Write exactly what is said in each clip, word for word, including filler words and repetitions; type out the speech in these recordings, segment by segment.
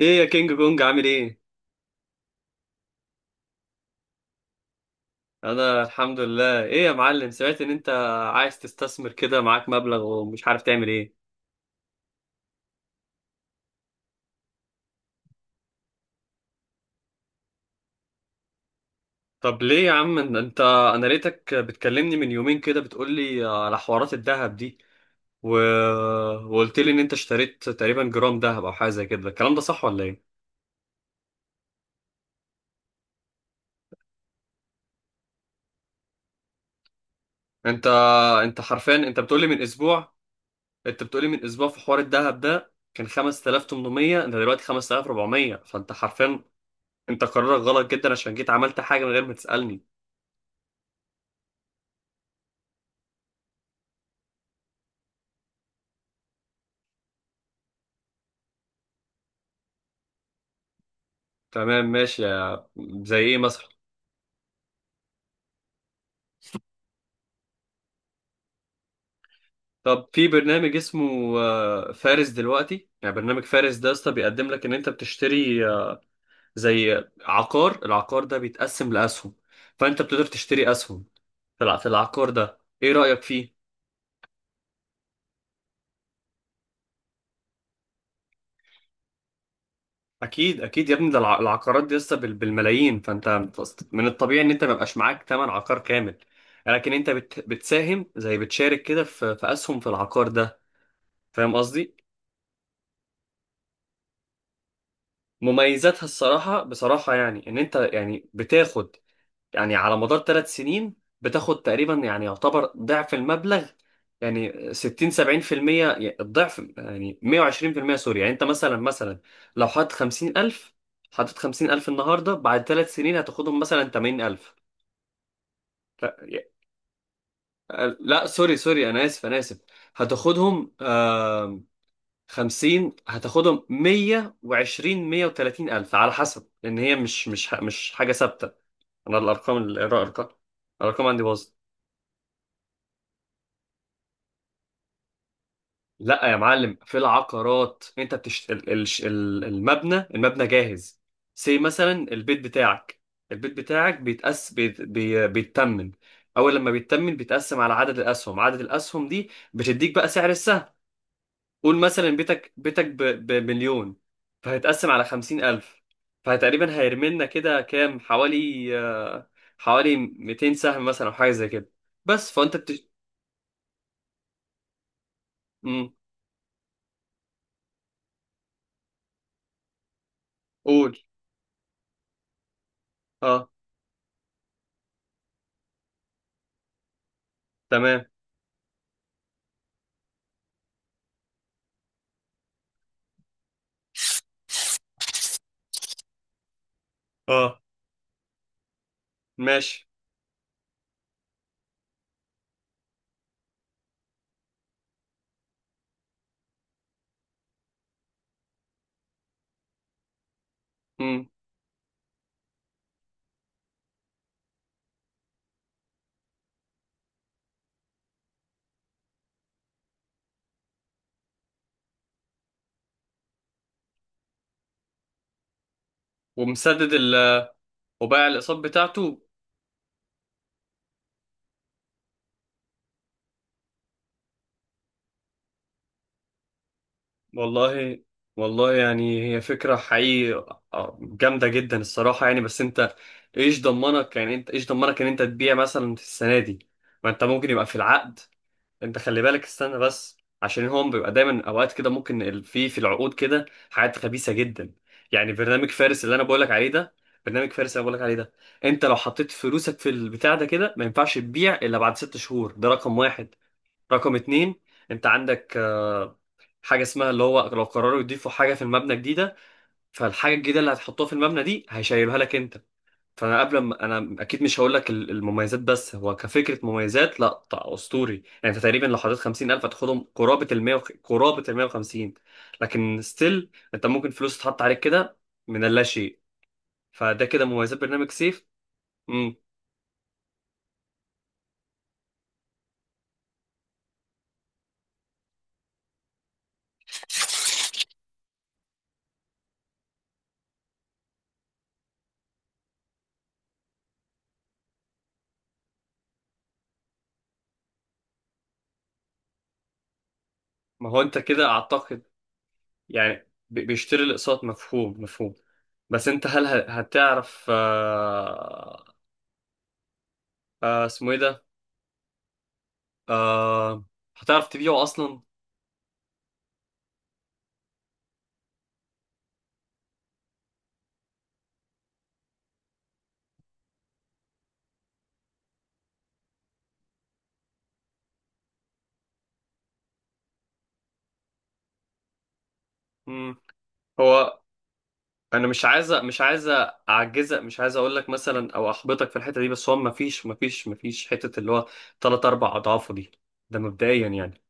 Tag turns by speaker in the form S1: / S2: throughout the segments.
S1: ايه يا كينج كونج؟ عامل ايه؟ انا الحمد لله. ايه يا معلم، سمعت ان انت عايز تستثمر كده، معاك مبلغ ومش عارف تعمل ايه. طب ليه يا عم؟ إن انت انا لقيتك بتكلمني من يومين كده بتقول لي على حوارات الذهب دي و... وقلت لي ان انت اشتريت تقريبا جرام ذهب او حاجه زي كده. الكلام ده صح ولا ايه؟ انت انت حرفيا انت بتقول لي من اسبوع انت بتقول لي من اسبوع في حوار الذهب ده كان خمستالاف وتمنمية، انت دلوقتي خمسة آلاف واربعميه. فانت حرفيا انت قرارك غلط جدا عشان جيت عملت حاجه من غير ما تسألني. تمام ماشي. يا- زي ايه مثلا؟ طب في برنامج اسمه آه، فارس. دلوقتي يعني برنامج فارس ده يا اسطى بيقدم لك ان انت بتشتري آه، زي عقار العقار ده، بيتقسم لاسهم، فانت بتقدر تشتري اسهم في الع- في العقار ده. ايه رايك فيه؟ اكيد اكيد يا ابني، ده الع- العقارات دي لسه بال- بالملايين. فانت من الطبيعي ان انت ما يبقاش معاك ثمن عقار كامل. لكن انت بت... بتساهم، زي بتشارك كده في... في اسهم في العقار ده. فاهم قصدي؟ مميزاتها الصراحة بصراحة، يعني إن أنت يعني بتاخد، يعني على مدار ثلاث سنين بتاخد تقريبا، يعني يعتبر ضعف المبلغ، يعني ستين سبعين بالمية. يعني الضعف، يعني ميه وعشرين بالمية، سوري. يعني أنت مثلا مثلا لو حاطط خمسين الف حاطط خمسين الف النهاردة، بعد ثلاث سنين هتاخدهم مثلا تمانين الف. ف- لا سوري سوري، أنا آسف أنا آسف. هتاخدهم خمسين هتاخدهم ميه وعشرين ميه وتلاتين الف على حسب، لان هي مش مش ح- مش حاجه ثابته. انا الارقام الارقام الارقام عندي باظت. لا يا معلم، في العقارات انت بتشت... ال- ال- ال- المبنى المبنى جاهز. سي مثلا، البيت بتاعك، البيت بتاعك بيتقس بيت... بي... بيتمن. اول لما بيتمن بيتقسم على عدد الاسهم. عدد الاسهم دي بتديك بقى سعر السهم. قول مثلا بيتك بيتك ب- بمليون، فهيتقسم على خمسين ألف. فتقريبا هيرملنا كده كام؟ حوالي آه، حوالي ميتين سهم مثلا أو حاجة زي كده. بس فأنت بتش... مم. قول. اه. تمام. اه ماشي. مم. ومسدد ال وباع الأقساط بتاعته. والله والله، يعني هي فكرة حقيقي آه، جامدة جدا الصراحة يعني. بس انت ايش ضمنك، يعني انت ايش ضمنك ان انت تبيع مثلا في السنة دي؟ ما انت ممكن يبقى في العقد، انت خلي بالك. استنى بس، عشان هم بيبقى دايما اوقات كده ممكن ال- في في العقود كده حاجات خبيثه جدا. يعني برنامج فارس اللي انا بقولك عليه ده برنامج فارس اللي انا بقولك عليه ده، انت لو حطيت فلوسك في البتاع ده كده ما ينفعش تبيع الا بعد ست شهور. ده رقم واحد. رقم اتنين، انت عندك آه، حاجه اسمها اللي هو لو قرروا يضيفوا حاجه في المبنى جديده، فالحاجه الجديده اللي هتحطوها في المبنى دي هيشيلوها لك انت. فانا قبل ما انا اكيد مش هقول لك ال- المميزات، بس هو كفكره مميزات لا طبعا اسطوري. يعني انت تقريبا لو حطيت خمسين الف هتاخدهم قرابه ال ميه، قرابه ال ميه وخمسين. لكن ستيل انت ممكن فلوس تتحط عليك كده من اللا شيء. فده كده مميزات برنامج سيف. امم ما هو انت كده اعتقد. يعني ب- بيشتري الاقساط. مفهوم مفهوم. بس انت هل ه- هتعرف آه آه اسمه ايه ده؟ آه هتعرف تبيعه اصلا؟ امم هو انا مش عايز مش عايز اعجزك، مش عايز اقول لك مثلا او احبطك في الحته دي. بس هو ما فيش ما فيش ما فيش حته اللي هو ثلاث اربع اضعافه دي. ده مبدئيا يعني.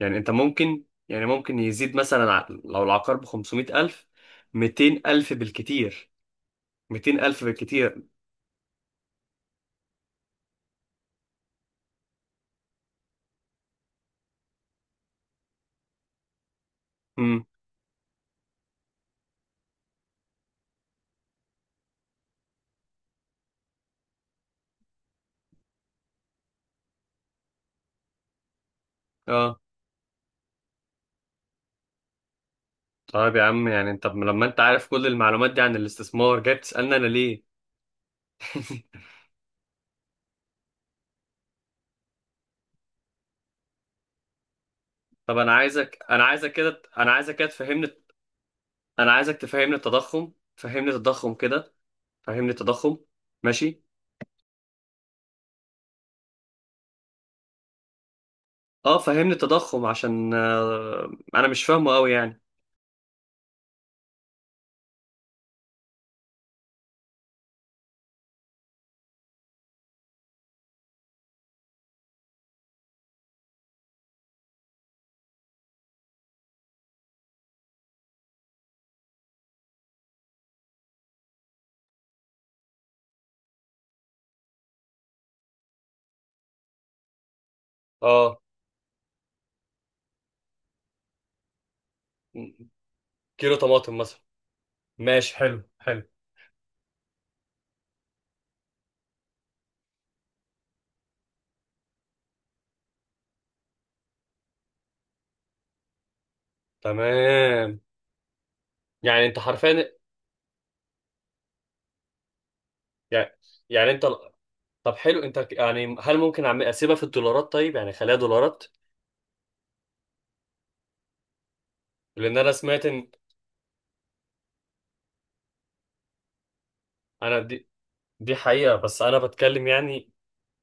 S1: يعني انت ممكن، يعني ممكن يزيد مثلا ع- لو العقار ب خمسميت الف، ميتين الف بالكتير. ميتين الف بالكتير. امم اه طيب يا عم، يعني انت لما انت عارف كل المعلومات دي عن الاستثمار، جاي بتسالني انا ليه؟ طب انا عايزك انا عايزك كده انا عايزك كده تفهمني. انا عايزك تفهمني التضخم. فهمني التضخم كده. فهمني التضخم. ماشي. اه فهمني التضخم عشان آه انا مش فاهمه قوي يعني. اه، كيلو طماطم مثلا. ماشي، حلو حلو. تمام. يعني انت حرفيا، يعني، يعني انت، طب حلو، انت ك- يعني هل ممكن أعمل- اسيبها في الدولارات؟ طيب يعني خليها دولارات. لان انا سمعت ان، انا دي، دي حقيقة. بس انا بتكلم، يعني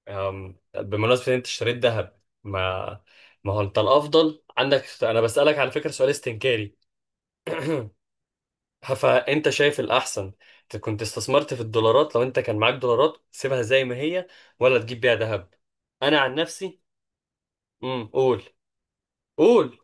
S1: آم، بمناسبة ان انت اشتريت ذهب. ما ما هو انت الافضل عندك، انا بسألك على فكرة سؤال استنكاري. فانت شايف الاحسن، ت- كنت استثمرت في الدولارات؟ لو انت كان معاك دولارات سيبها زي ما هي، ولا تجيب بيها ذهب؟ انا عن نفسي. امم، قول. قول.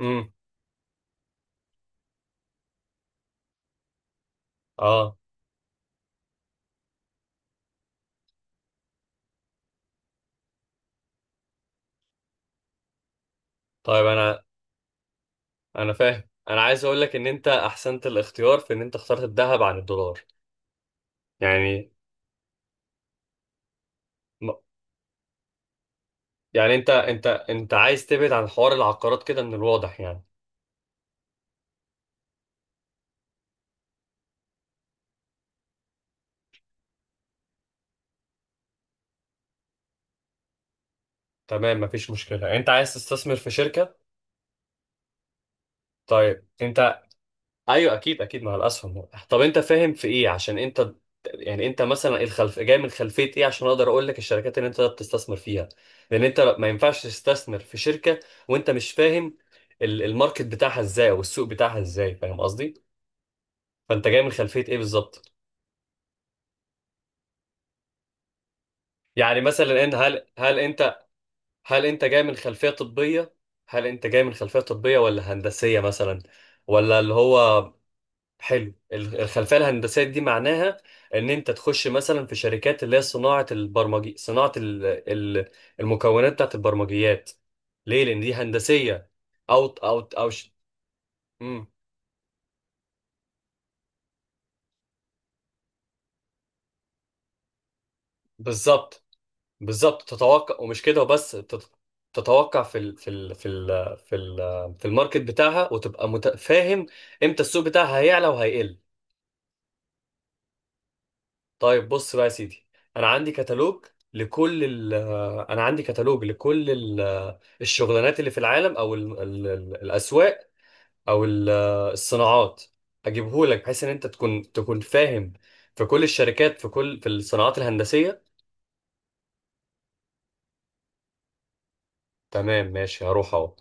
S1: امم. اه. طيب انا، انا فاهم. انا عايز اقول لك ان انت احسنت الاختيار في ان انت اخترت الذهب عن الدولار. يعني م- يعني انت انت انت عايز تبعد عن حوار العقارات كده من الواضح يعني. تمام، مفيش مشكلة. انت عايز تستثمر في شركة؟ طيب انت، ايوه اكيد اكيد مع الاسهم. طب انت فاهم في ايه؟ عشان انت، يعني انت مثلا الخلف جاي من خلفيه ايه عشان اقدر اقول لك الشركات اللي انت بتستثمر فيها. لان انت ما ينفعش تستثمر في شركه وانت مش فاهم ال- الماركت بتاعها ازاي، والسوق بتاعها ازاي. فاهم قصدي؟ فانت جاي من خلفيه ايه بالظبط؟ يعني مثلا ان هل هل انت هل انت جاي من خلفيه طبيه هل انت جاي من خلفيه طبيه ولا هندسيه مثلا؟ ولا اللي هو. حلو، ال- الخلفيه الهندسيه دي معناها ان انت تخش مثلا في شركات اللي هي صناعه البرمجي صناعه ال- ال- المكونات بتاعت البرمجيات. ليه؟ لان دي هندسيه. او او او ش... مم. بالظبط. بالظبط تتوقع، ومش كده وبس، تت- تتوقع في ال في ال في ال في ال في الماركت بتاعها، وتبقى مت- فاهم امتى السوق بتاعها هيعلى وهيقل. طيب بص بقى يا سيدي، انا عندي كتالوج لكل ال انا عندي كتالوج لكل ال الشغلانات اللي في العالم، او ال ال ال الاسواق، او ال الصناعات. هجيبهولك بحيث ان انت تكون تكون فاهم في كل الشركات، في كل في الصناعات الهندسية. تمام ماشي، هروح اهو.